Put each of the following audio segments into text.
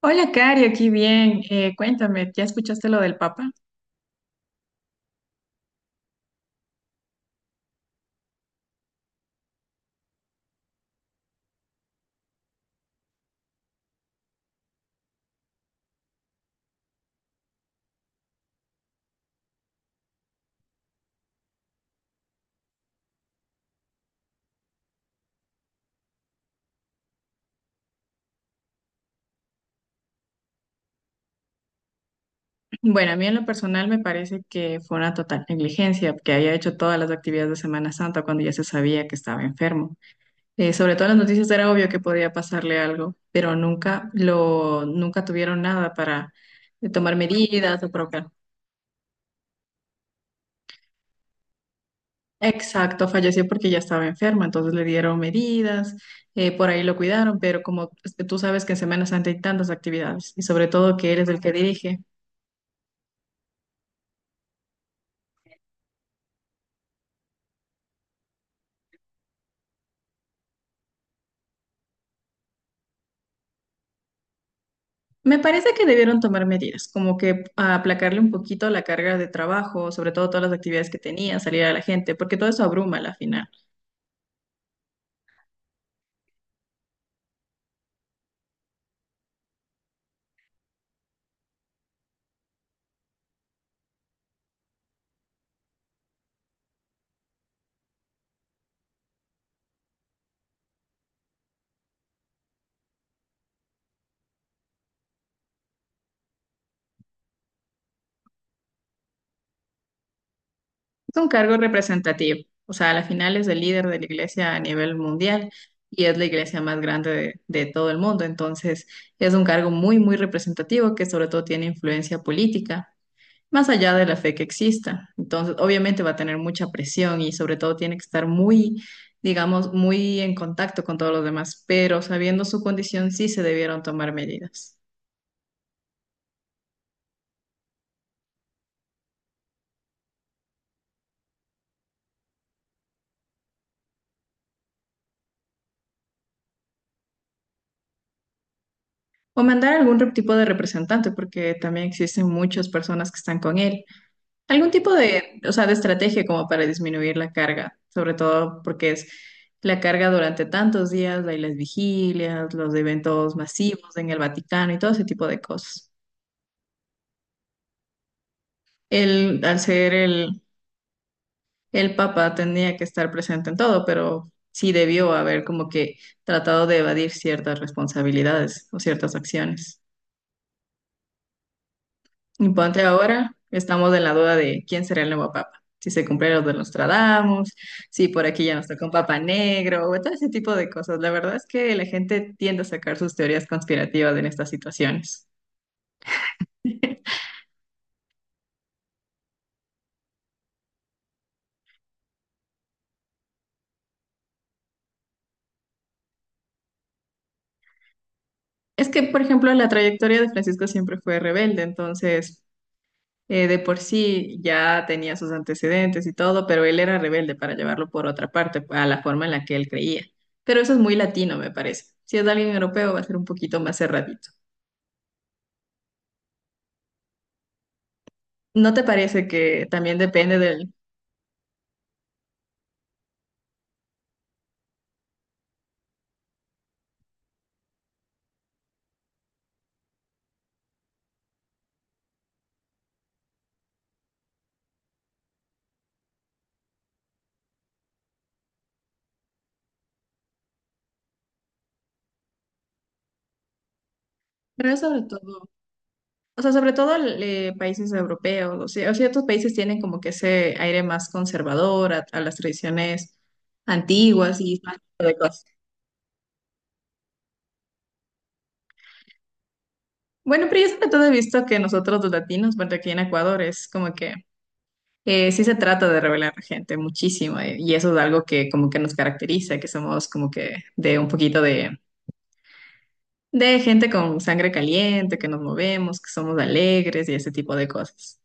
Hola, Cari, aquí bien. Cuéntame, ¿ya escuchaste lo del Papa? Bueno, a mí en lo personal me parece que fue una total negligencia, que haya hecho todas las actividades de Semana Santa cuando ya se sabía que estaba enfermo. Sobre todo en las noticias era obvio que podía pasarle algo, pero nunca tuvieron nada para tomar medidas o provocar. Exacto, falleció porque ya estaba enfermo, entonces le dieron medidas, por ahí lo cuidaron, pero como tú sabes que en Semana Santa hay tantas actividades y sobre todo que eres el que dirige. Me parece que debieron tomar medidas, como que aplacarle un poquito la carga de trabajo, sobre todo todas las actividades que tenía, salir a la gente, porque todo eso abruma a la final. Es un cargo representativo, o sea, a la final es el líder de la iglesia a nivel mundial y es la iglesia más grande de todo el mundo, entonces es un cargo muy, muy representativo que sobre todo tiene influencia política, más allá de la fe que exista. Entonces, obviamente va a tener mucha presión y sobre todo tiene que estar muy, digamos, muy en contacto con todos los demás, pero sabiendo su condición sí se debieron tomar medidas. O mandar algún tipo de representante, porque también existen muchas personas que están con él. Algún tipo de, o sea, de estrategia como para disminuir la carga, sobre todo porque es la carga durante tantos días, hay las vigilias, los eventos masivos en el Vaticano y todo ese tipo de cosas. El, al ser el, El Papa tenía que estar presente en todo, pero sí debió haber como que tratado de evadir ciertas responsabilidades o ciertas acciones. Y ponte ahora, estamos en la duda de quién será el nuevo Papa. Si se cumplieron los de Nostradamus, si por aquí ya nos tocó un Papa negro, o todo ese tipo de cosas. La verdad es que la gente tiende a sacar sus teorías conspirativas en estas situaciones. Es que, por ejemplo, la trayectoria de Francisco siempre fue rebelde, entonces de por sí ya tenía sus antecedentes y todo, pero él era rebelde para llevarlo por otra parte, a la forma en la que él creía. Pero eso es muy latino, me parece. Si es de alguien europeo, va a ser un poquito más cerradito. ¿No te parece que también depende del... Pero es sobre todo, o sea, sobre todo países europeos, o sea, ciertos países tienen como que ese aire más conservador a las tradiciones antiguas y ese tipo de cosas. Bueno, pero yo sobre todo he visto que nosotros los latinos, bueno, aquí en Ecuador es como que sí se trata de revelar gente muchísimo, y eso es algo que como que nos caracteriza, que somos como que de un poquito de gente con sangre caliente, que nos movemos, que somos alegres y ese tipo de cosas.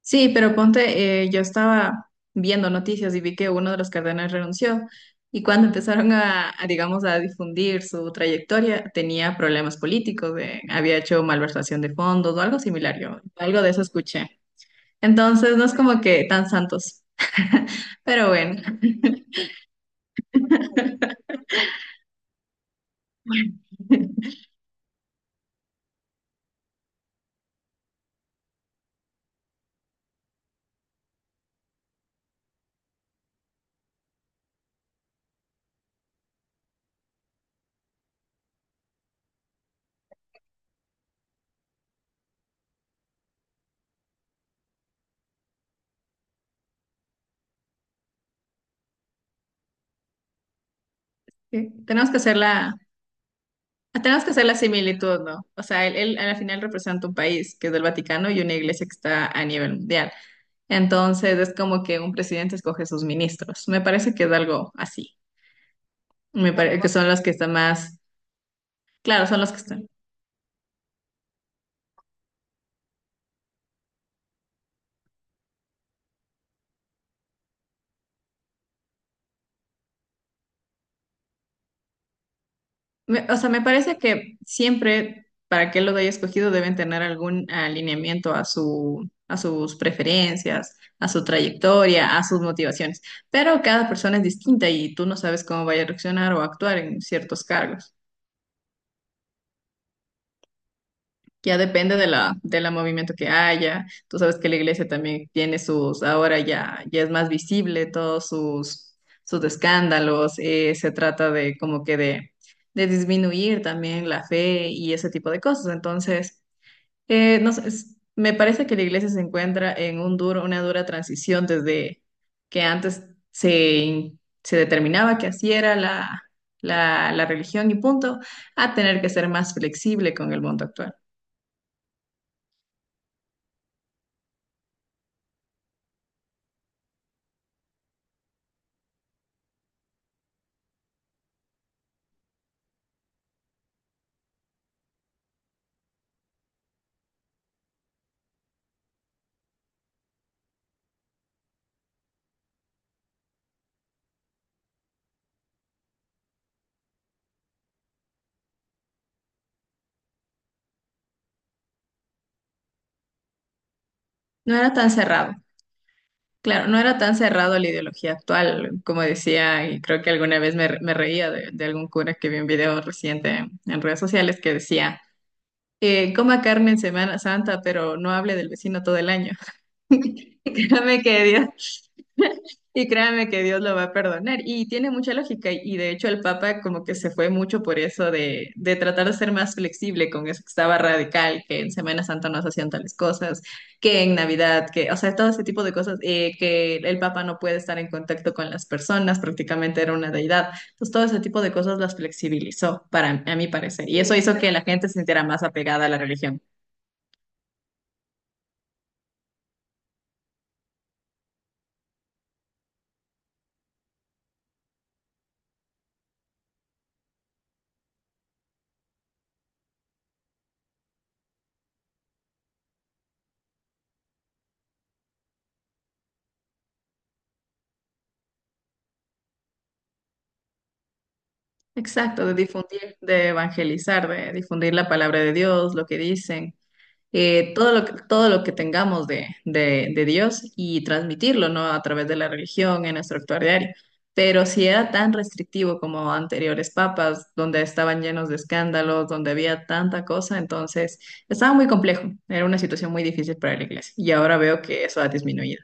Sí, pero ponte, yo estaba viendo noticias y vi que uno de los cardenales renunció y cuando empezaron digamos, a difundir su trayectoria tenía problemas políticos, había hecho malversación de fondos o algo similar, yo algo de eso escuché. Entonces no es como que tan santos. Pero bueno, sí, tenemos que hacer la similitud, ¿no? O sea, él al final representa un país que es del Vaticano y una iglesia que está a nivel mundial. Entonces es como que un presidente escoge sus ministros. Me parece que es algo así. Me parece que son los que están más, claro, son los que están. O sea, me parece que siempre, para que lo haya escogido, deben tener algún alineamiento a sus preferencias, a su trayectoria, a sus motivaciones. Pero cada persona es distinta y tú no sabes cómo vaya a reaccionar o actuar en ciertos cargos. Ya depende de la movimiento que haya. Tú sabes que la iglesia también tiene sus, ahora ya es más visible todos sus escándalos. Se trata de como que de disminuir también la fe y ese tipo de cosas. Entonces, no sé, me parece que la iglesia se encuentra en un duro, una dura transición desde que antes se, se determinaba que así era la religión y punto, a tener que ser más flexible con el mundo actual. No era tan cerrado, claro, no era tan cerrado la ideología actual, como decía, y creo que alguna vez me reía de algún cura que vi un video reciente en redes sociales que decía, coma carne en Semana Santa, pero no hable del vecino todo el año. Y créame que Dios, y créame que Dios lo va a perdonar. Y tiene mucha lógica. Y de hecho el Papa como que se fue mucho por eso de tratar de ser más flexible con eso que estaba radical, que en Semana Santa no se hacían tales cosas, que en Navidad, que, o sea, todo ese tipo de cosas, que el Papa no puede estar en contacto con las personas, prácticamente era una deidad. Entonces todo ese tipo de cosas las flexibilizó, para, a mi parecer. Y eso hizo que la gente se sintiera más apegada a la religión. Exacto, de difundir, de evangelizar, de difundir la palabra de Dios, lo que dicen, todo lo que tengamos de Dios y transmitirlo, ¿no? A través de la religión en nuestro actuar diario. Pero si era tan restrictivo como anteriores papas, donde estaban llenos de escándalos, donde había tanta cosa, entonces estaba muy complejo, era una situación muy difícil para la iglesia y ahora veo que eso ha disminuido.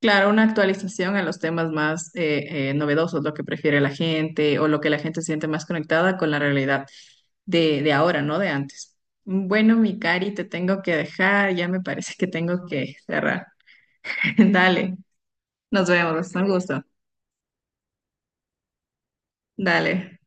Claro, una actualización a los temas más novedosos, lo que prefiere la gente o lo que la gente siente más conectada con la realidad de ahora, no de antes. Bueno, mi Cari, te tengo que dejar, ya me parece que tengo que cerrar. Dale, nos vemos, un gusto. Dale.